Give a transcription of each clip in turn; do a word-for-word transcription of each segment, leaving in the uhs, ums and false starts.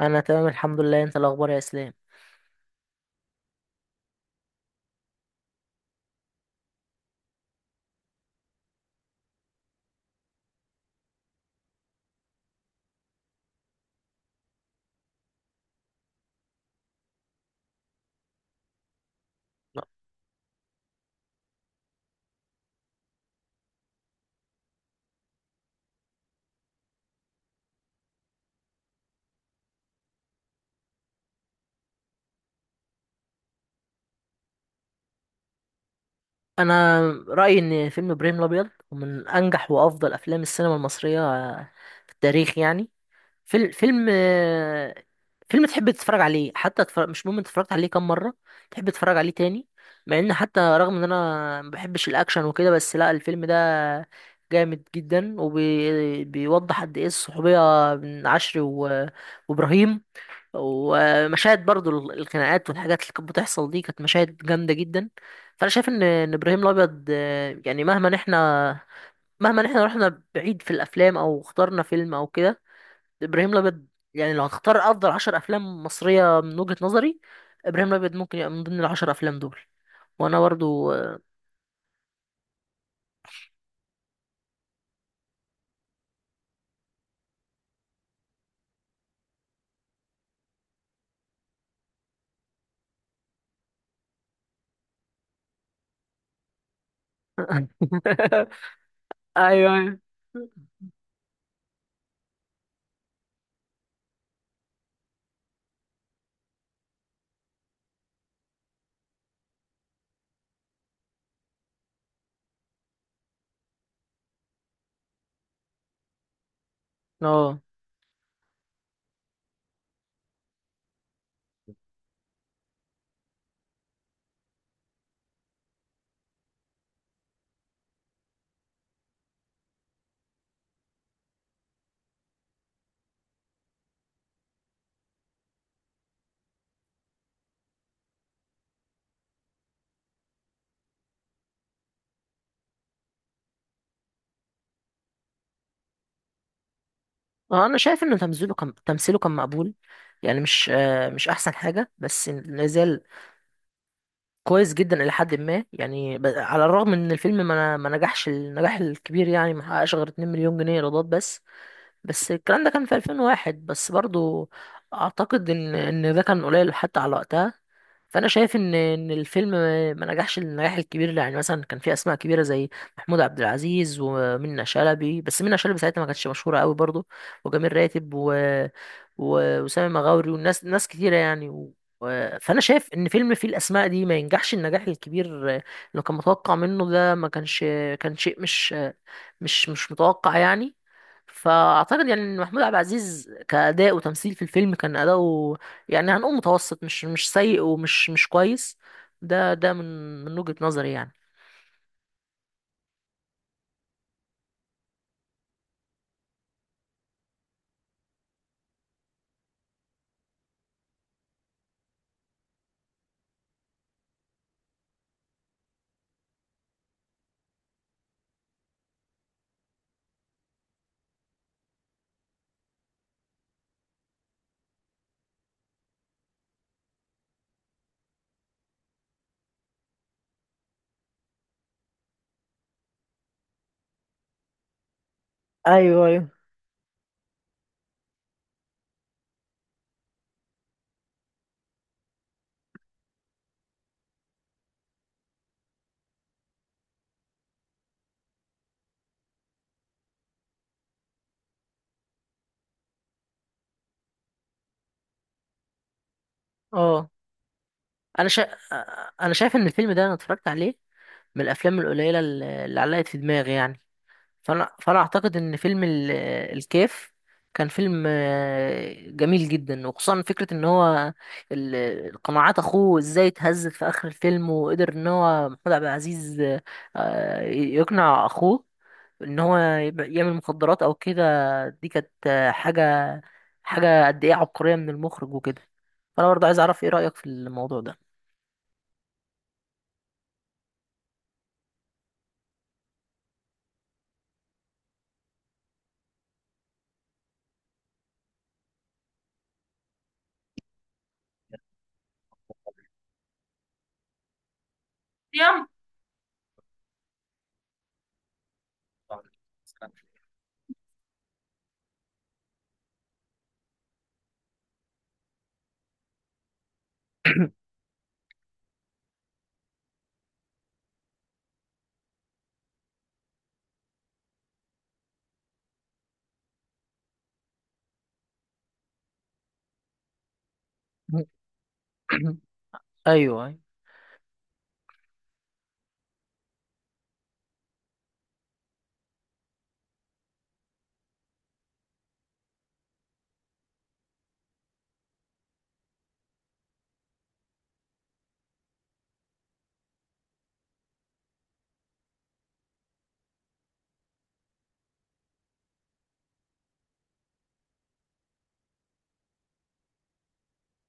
انا تمام الحمد لله. انت الاخبار يا اسلام؟ انا رايي ان فيلم ابراهيم الابيض من انجح وافضل افلام السينما المصريه في التاريخ، يعني. فيلم فيلم فيلم تحب تتفرج عليه حتى تفرج، مش مهم انت اتفرجت عليه كام مره، تحب تتفرج عليه تاني. مع ان حتى رغم ان انا ما بحبش الاكشن وكده، بس لا، الفيلم ده جامد جدا، وبيوضح قد ايه الصحوبيه بين عشري و- وابراهيم. ومشاهد برضو ال- الخناقات والحاجات اللي كانت بتحصل دي كانت مشاهد جامدة جدا. فأنا شايف إن إن إبراهيم الأبيض، آه، يعني مهما إحنا مهما إحنا رحنا بعيد في الأفلام أو اخترنا فيلم أو كده، إبراهيم الأبيض، يعني لو هتختار أفضل عشر أفلام مصرية من وجهة نظري، إبراهيم الأبيض ممكن يبقى من ضمن العشر أفلام دول. وأنا برضو آه، أيوه، أيوه. اه، اه، انا شايف ان تمثيله كان تمثيله كان مقبول، يعني مش آه مش احسن حاجه، بس لازال كويس جدا الى حد ما، يعني ب- على الرغم ان الفيلم ما ما نجحش النجاح الكبير، يعني ما حققش غير 2 مليون جنيه ايرادات بس. بس الكلام ده كان في الفين وواحد، بس برضو اعتقد ان ان ده كان قليل حتى على وقتها. فانا شايف ان ان الفيلم ما نجحش النجاح الكبير، يعني مثلا كان في اسماء كبيره زي محمود عبد العزيز ومنى شلبي، بس منى شلبي ساعتها ما كانتش مشهوره قوي برضو، وجميل راتب و... و... وسامي مغاوري والناس، ناس كتيره يعني، و... و- فانا شايف ان فيلم فيه الاسماء دي ما ينجحش النجاح الكبير اللي كان متوقع منه. ده ما كانش، كان شيء مش مش مش متوقع يعني. فاعتقد يعني ان محمود عبد العزيز كاداء وتمثيل في الفيلم كان اداؤه، يعني هنقول متوسط، مش مش سيء ومش مش كويس. ده ده من من وجهة نظري يعني. ايوه، ايوه. اه، انا شا... انا شايف ان الفيلم ده انا اتفرجت عليه، من الافلام القليله اللي اللي علقت في دماغي يعني. فانا فانا اعتقد ان فيلم ال- الكيف كان فيلم آه، جميل جدا، وخصوصا فكرة ان هو ال- القناعات، اخوه ازاي اتهزت في اخر الفيلم، وقدر ان هو محمود عبد العزيز آه، يقنع اخوه ان هو يب- يعمل مخدرات او كده. دي كانت آه، حاجة حاجة قد ايه عبقرية من المخرج وكده. فانا برضه عايز اعرف، ايه رأيك في الموضوع ده يا ايوه، أيوة.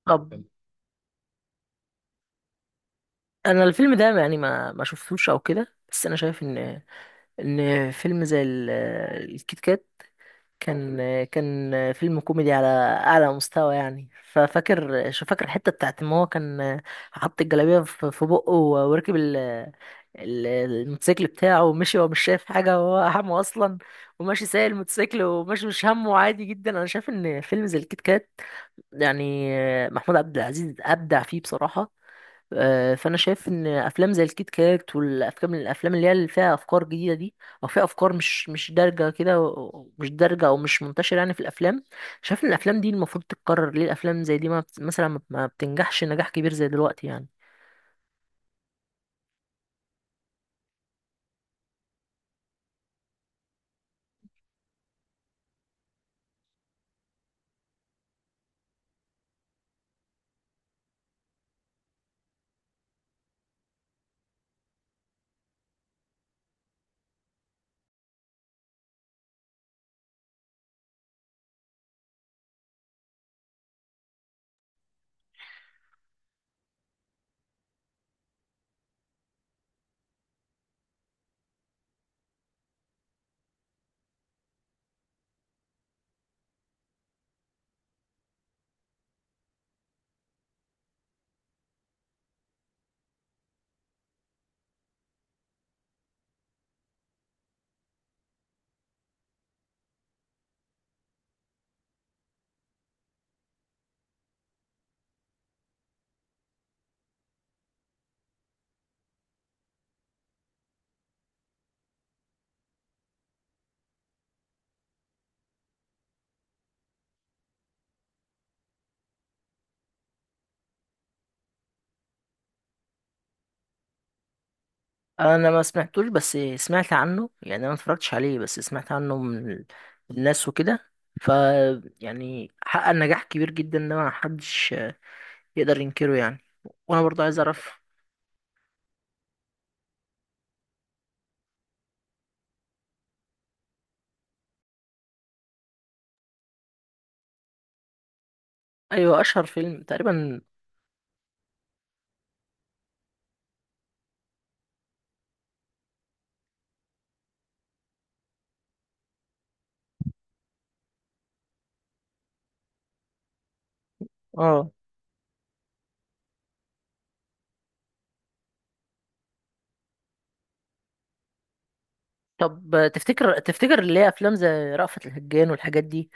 طب، انا الفيلم ده يعني ما ما شفتوش او كده، بس انا شايف ان ان فيلم زي ال- الكيت كات كان كان فيلم كوميدي على اعلى مستوى يعني. ففاكر شو فاكر الحته بتاعت ما هو كان، حط الجلابيه في في بقه، وركب ال ال- الموتوسيكل بتاعه ومشي وهو مش شايف حاجه وهو همه اصلا، وماشي سايق الموتوسيكل وماشي مش همه عادي جدا. انا شايف ان فيلم زي الكيت كات، يعني محمود عبد العزيز ابدع فيه بصراحه. آه، فانا شايف ان افلام زي الكيت كات والافلام الافلام اللي هي اللي فيها افكار جديده دي، او فيها افكار مش مش دارجه كده، و- مش دارجه او مش منتشره يعني في الافلام. شايف ان الافلام دي المفروض تتكرر. ليه الافلام زي دي ما بت- مثلا ما ما بتنجحش نجاح كبير زي دلوقتي يعني؟ انا ما سمعتوش بس سمعت عنه يعني، انا ما اتفرجتش عليه بس سمعت عنه من ال- الناس وكده. ف يعني حقق نجاح كبير جدا، ده ما حدش يقدر ينكره يعني. وانا برضه عايز اعرف. ايوه، اشهر فيلم تقريبا. اه، طب تفتكر تفتكر اللي هي افلام زي رأفت الهجان والحاجات دي،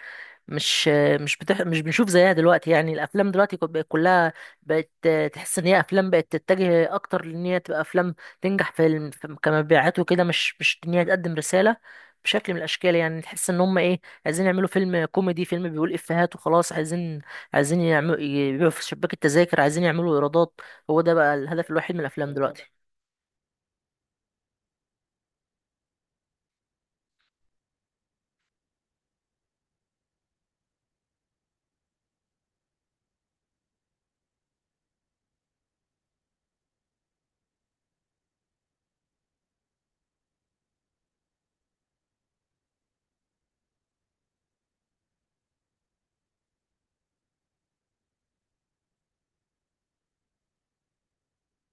مش مش بتح... مش بنشوف زيها دلوقتي يعني؟ الافلام دلوقتي كو- بقت كلها، بقت تحس ان هي افلام بقت تتجه اكتر لان هي تبقى افلام تنجح في الم... في- كمبيعات وكده، مش مش ان هي تقدم رساله بشكل من الاشكال يعني. تحس ان هم ايه، عايزين يعملوا فيلم كوميدي، فيلم بيقول افيهات وخلاص، عايزين عايزين يعملوا يبيعوا في شباك التذاكر، عايزين يعملوا ايرادات. هو ده بقى الهدف الوحيد من الافلام دلوقتي.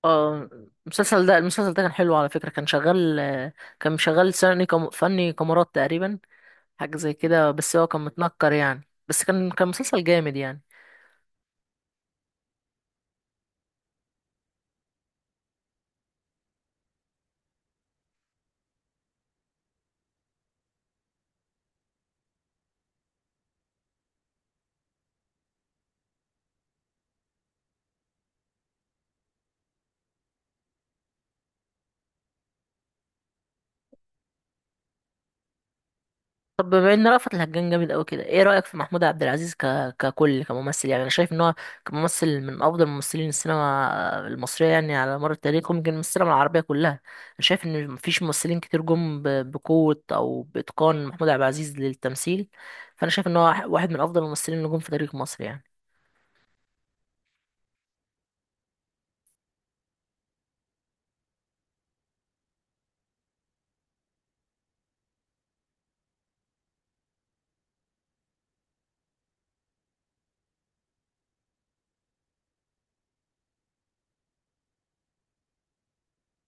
اه، المسلسل ده المسلسل ده كان حلو على فكره، كان شغال كان شغال سنة كم، فني كاميرات تقريبا، حاجة زي كده. بس هو كان متنكر يعني، بس كان كان مسلسل جامد يعني. طب، بما ان رأفت الهجان جامد قوي كده، ايه رأيك في محمود عبد العزيز ك... ككل، كممثل، يعني انا شايف ان هو كممثل من افضل ممثلين السينما المصرية يعني على مر التاريخ، ويمكن من السينما العربية كلها. انا شايف ان مفيش ممثلين كتير جم ب... بقوة او باتقان محمود عبد العزيز للتمثيل. فانا شايف ان هو واحد من افضل الممثلين اللي جم في تاريخ مصر يعني.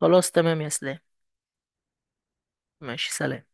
خلاص، تمام يا اسلام. ماشي، سلام.